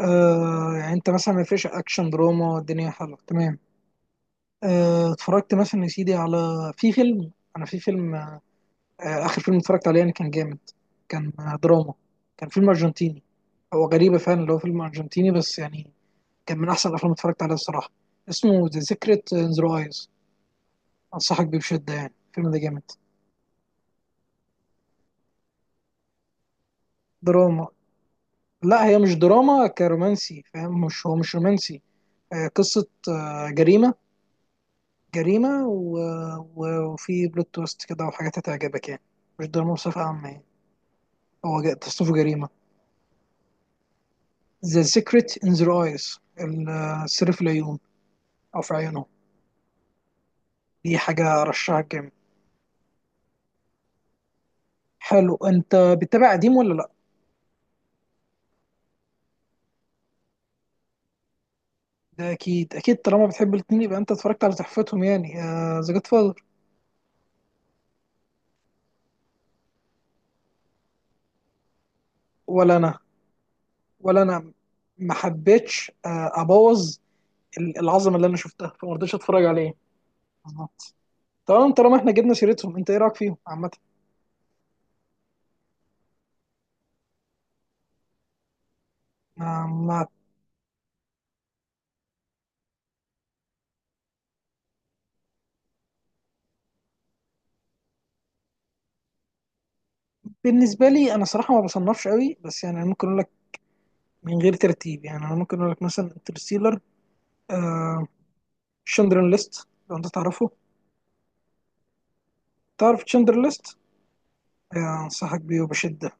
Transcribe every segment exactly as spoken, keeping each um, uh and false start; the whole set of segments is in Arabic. آه يعني انت مثلا ما فيش اكشن دراما، الدنيا حلوه تمام. آه، اتفرجت مثلا يا سيدي على في فيلم انا في فيلم آه آه، اخر فيلم اتفرجت عليه يعني كان جامد. كان آه دراما، كان فيلم ارجنتيني. هو غريبه فعلا اللي هو فيلم ارجنتيني بس يعني كان من احسن الافلام اللي اتفرجت عليها الصراحه. اسمه ذا سيكريت ان ذا ايز. انصحك بيه بشده، يعني الفيلم ده جامد. دراما؟ لا هي مش دراما كرومانسي، فاهم؟ مش هو مش رومانسي. آه، قصه آه جريمه. جريمة و... و- وفي بلوت تويست كده وحاجات هتعجبك يعني، مش دراما بصفة عامة يعني. هو جا- تصنيفه جريمة. The Secret in Their Eyes. ال- السر في العيون، أو في عيونهم. دي حاجة أرشحك جامد. حلو، أنت بتتابع قديم ولا لأ؟ ده أكيد أكيد، طالما بتحب الاتنين يبقى أنت اتفرجت على تحفتهم يعني، ذا جاد فاذر. ولا أنا، ولا أنا، ما حبيتش آه، أبوظ ال- العظمة اللي أنا شفتها، فما رضيتش أتفرج عليه. بالظبط. تمام، طالما إحنا جبنا سيرتهم، أنت إيه رأيك فيهم عامة؟ ما بالنسبه لي انا صراحه ما بصنفش قوي، بس يعني أنا ممكن اقول لك من غير ترتيب، يعني انا ممكن اقول لك مثلا انترستيلر. آه، شندرن ليست، لو انت تعرفه. تعرف تشندرن ليست؟ آه، انصحك بيه وبشده.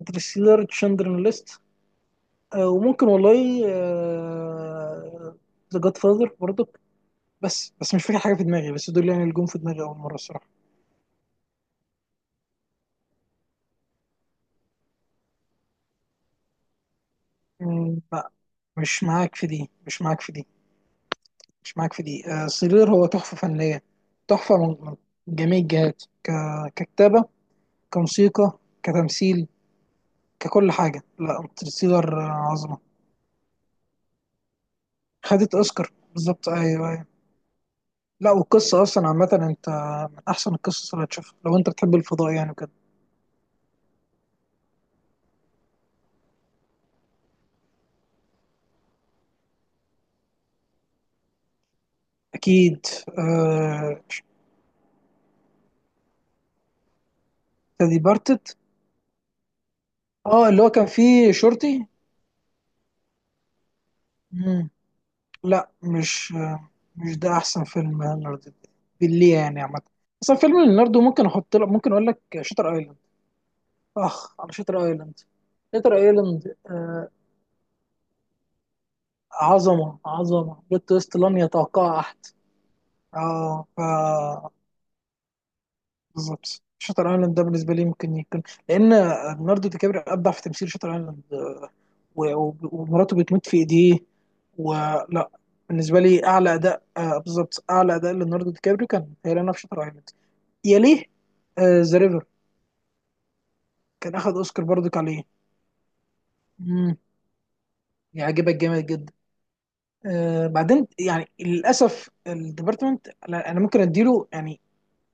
انترستيلر، تشندرن ليست. آه وممكن والله ذا جاد فاذر برضك. بس بس مش فاكر حاجه في دماغي، بس دول يعني اللي جم في دماغي اول مره الصراحه. مم، لا، مش معاك في دي مش معاك في دي مش معاك في دي. آه سيلر هو تحفه فنيه، تحفه من من جميع الجهات. ك- ككتابه، كموسيقى، كتمثيل، ككل حاجه. لا، انترستيلر عظمه. خدت اوسكار بالظبط، ايوه ايوه. لا والقصه اصلا عامه، انت من احسن القصص اللي هتشوفها لو انت بتحب الفضاء يعني كده. اكيد. آه، دي بارتت. اه، اللي هو كان فيه شرطي. مم. لا، مش آه، مش ده احسن فيلم ليوناردو بالليه يعني عامه. اصلا فيلم ليوناردو ممكن احط لك، ممكن اقول لك شاتر ايلاند. اخ على شاتر ايلاند، شاتر ايلاند. عظمة عظمة، بلوت تويست لن يتوقع أحد. اه ف بالظبط. شاتر ايلاند ده بالنسبة لي ممكن يكون، لأن ليوناردو دي كابريو أبدع في تمثيل شاتر ايلاند. آه، و- و- ومراته بتموت في إيديه. ولا بالنسبة لي أعلى أداء، آه بالظبط، أعلى أداء ليوناردو دي كابريو كان هيلانا في شاتر ايلاند. يليه آه، ذا ريفر، كان أخد أوسكار برضك عليه. مم. يعجبك جامد جدا. آه، بعدين يعني للأسف الديبارتمنت، أنا أنا ممكن أديله يعني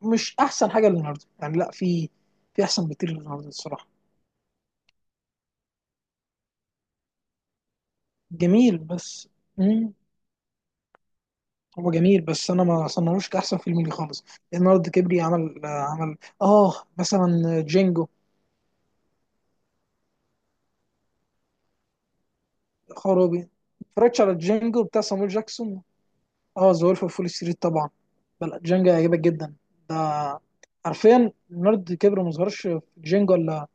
مش احسن حاجه للنهارده، يعني لا، في في احسن بكتير للنهارده الصراحه. جميل بس. مم. هو جميل بس انا ما صنعوش كاحسن فيلم لي خالص. النهارده كبري عمل آه، عمل اه مثلا جينجو. خرابي، اتفرجتش على جينجو بتاع سامويل جاكسون؟ اه ذا وولف اوف وول ستريت طبعا. لا، جينجو هيعجبك جدا. ده حرفيا النرد كبر ما ظهرش في جينجو الا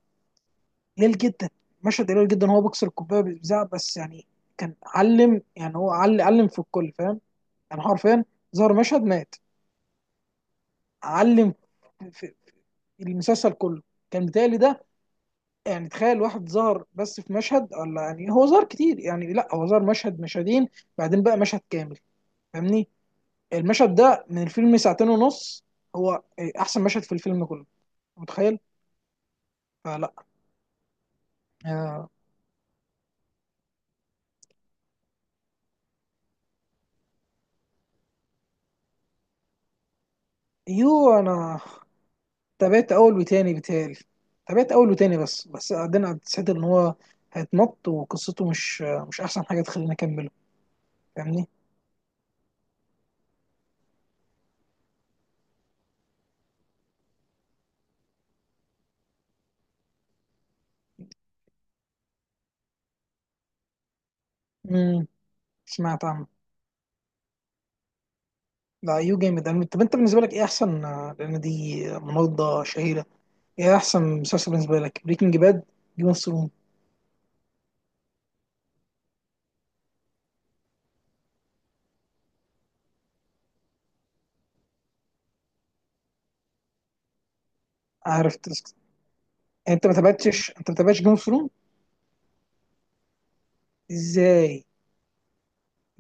قليل جدا، مشهد قليل جدا. هو بيكسر الكوبايه بيزعق، بس يعني كان علم. يعني هو عل- علم في الكل، فاهم؟ يعني حرفيا ظهر مشهد مات، علم في المسلسل كله. كان بيتهيألي ده يعني تخيل واحد ظهر بس في مشهد، ولا يعني هو ظهر كتير؟ يعني لا، هو ظهر مشهد مشهدين بعدين بقى مشهد كامل، فاهمني؟ المشهد ده من الفيلم ساعتين ونص، هو احسن مشهد في الفيلم كله، متخيل؟ فلا. آه، يو، انا تابعت اول وتاني بيتهيألي. تابعت اول وتاني بس بس بعدين حسيت ان هو هيتمط وقصته مش مش احسن حاجه تخليني اكمله، فاهمني؟ مم. سمعت عنه. لا، يو جامد. أنا- طب انت بالنسبه لك ايه احسن آه، لان دي مناضله شهيره، ايه احسن مسلسل بالنسبه لك؟ بريكنج باد، جيم اوف ثرونز. عارف تس- انت ما تابعتش، انت ما تابعتش جيم اوف ثرونز؟ ازاي،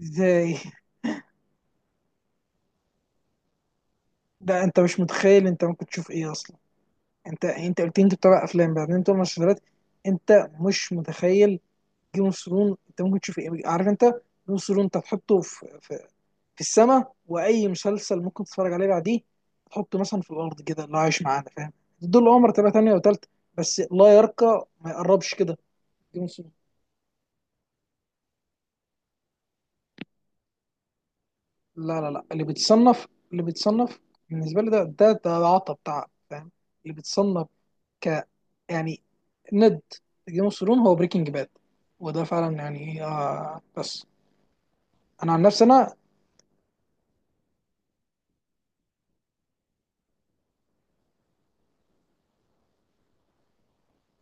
ازاي ده انت مش متخيل انت ممكن تشوف ايه اصلا. انت انت قلت لي انت بتتابع افلام، بعدين انت بتتابع مسلسلات، انت مش متخيل. جيم اوف ثرونز انت ممكن تشوف ايه، عارف؟ انت جيم اوف ثرونز انت تحطه في في السماء، واي مسلسل ممكن تتفرج عليه بعديه تحطه مثلا في الارض كده اللي هو عايش معانا، فاهم؟ دول عمر تبقى تانية وتالتة، بس لا يرقى، ما يقربش كده. دي مصيبة. لا لا لا، اللي بيتصنف، اللي بيتصنف بالنسبه لي، ده ده ده عطب تعب، فاهم؟ اللي بيتصنف ك يعني ند جيم اوف ثرون هو بريكنج باد، وده فعلا يعني آه بس، انا عن نفسي انا.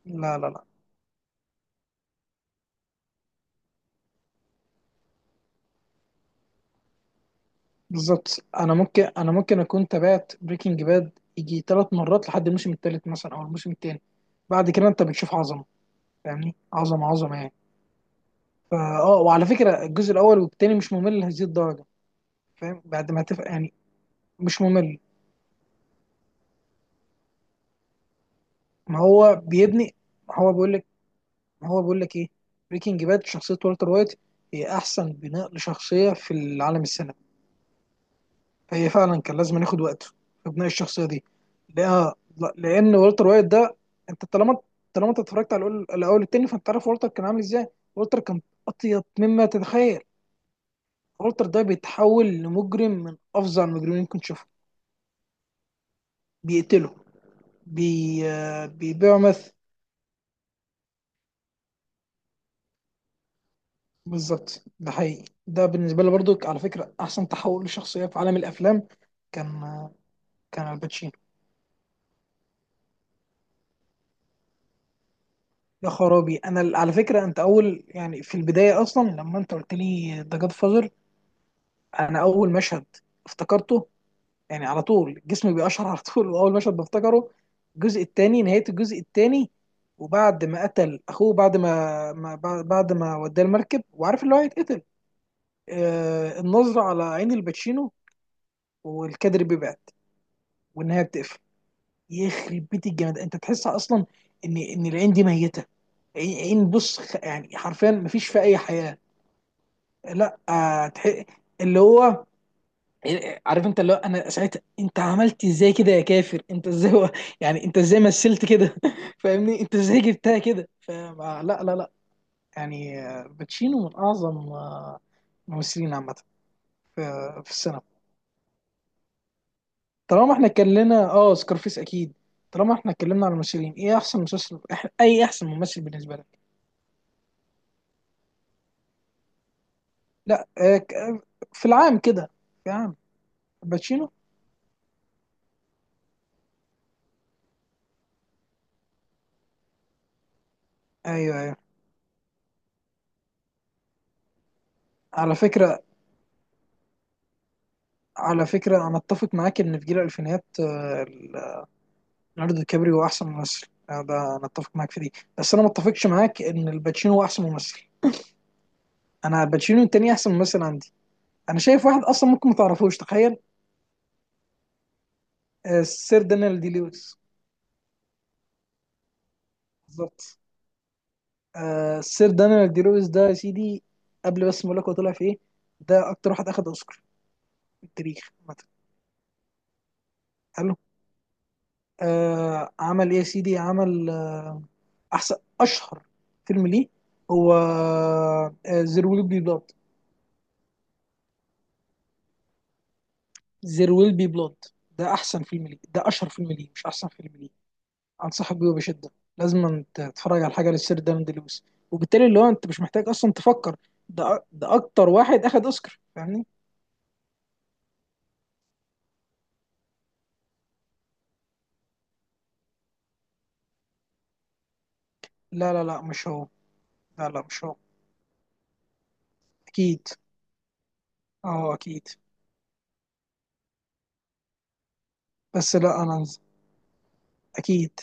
لا لا لا، بالظبط. انا ممكن انا ممكن اكون تابعت بريكنج باد يجي ثلاث مرات لحد الموسم الثالث مثلا او الموسم الثاني، بعد كده انت بتشوف عظمه، فاهمني؟ عظمه عظمه يعني. فا اه وعلى فكره الجزء الاول والثاني مش ممل لهذه الدرجه، فاهم؟ بعد ما تف... يعني مش ممل، ما هو بيبني، ما هو بيقول لك، ما هو بيقول لك ايه بريكنج باد شخصيه والتر وايت هي احسن بناء لشخصيه في العالم السينمائي. هي فعلا كان لازم ياخد وقته في بناء الشخصيه دي. لأ لأ- لان والتر وايت ده، انت طالما، طالما انت اتفرجت على الأول- الاول التاني، فانت عارف والتر كان عامل ازاي. والتر كان اطيب مما تتخيل. والتر ده بيتحول لمجرم من افظع المجرمين اللي ممكن تشوفه. بيقتله، بي... آه، بيبيعه مثل. بالظبط، ده حقيقي، ده بالنسبه لي برضو على فكره احسن تحول لشخصيه في عالم الافلام، كان كان الباتشينو. يا خرابي، انا ال- على فكره انت اول، يعني في البدايه اصلا لما انت قلت لي ذا جاد فازر، انا اول مشهد افتكرته يعني على طول جسمي بيقشعر على طول، واول مشهد بفتكره الجزء الثاني، نهايه الجزء الثاني، وبعد ما قتل اخوه، بعد ما, ما بعد بعد ما وداه المركب وعارف اللي هو هيتقتل، آه النظره على عين الباتشينو، والكادر بيبعد، والنهايه بتقفل. يخرب بيت الجمال، انت تحس اصلا ان ان العين دي ميته. عين عين بص خ- يعني حرفيا مفيش فيها اي حياه. لا آه، تح- اللي هو إيه، عارف انت اللي هو انا ساعتها انت عملت ازاي كده يا كافر، انت ازاي و... يعني انت ازاي مثلت كده فاهمني؟ انت ازاي جبتها كده؟ فلا لا لا لا. يعني آه، باتشينو من اعظم آه، الممثلين عامه في في السينما. طالما احنا اتكلمنا اه سكارفيس اكيد. طالما احنا اتكلمنا على الممثلين، ايه احسن مسلسل أح- اي احسن ممثل بالنسبه لك؟ لا آه، ك- في العام كده، في العام، باتشينو. ايوه ايوه، على فكره، على فكرة أنا أتفق معاك إن في جيل الألفينيات آه، ال- ليوناردو دي كابريو هو أحسن ممثل، آه، ده أنا أتفق معاك في دي. بس أنا ما أتفقش معاك إن الباتشينو هو أحسن ممثل. أنا الباتشينو التاني أحسن ممثل عندي. أنا شايف واحد أصلا ممكن ما تعرفوش، تخيل. آه، السير دانيال دي لويس. بالظبط. آه، السير دانيال دي لويس ده يا سيدي، قبل بس ما أقول لك هو طلع في إيه، ده أكتر واحد أخد أوسكار في التاريخ عامة. آه، عمل ايه يا سيدي؟ عمل آه احسن، اشهر فيلم ليه هو زير ويل بي بلاد. زير ويل بي بلاد، ده احسن فيلم ليه، ده اشهر فيلم ليه، مش احسن فيلم ليه. انصحك بيه بشده، لازم أنت تتفرج على حاجه للسير دايموند لويس، وبالتالي اللي هو انت مش محتاج اصلا تفكر. ده ده اكتر واحد اخد اوسكار، فاهمني؟ لا لا لا مش هو، لا لا مش هو. اكيد، اه اكيد. بس لا انا، اكيد.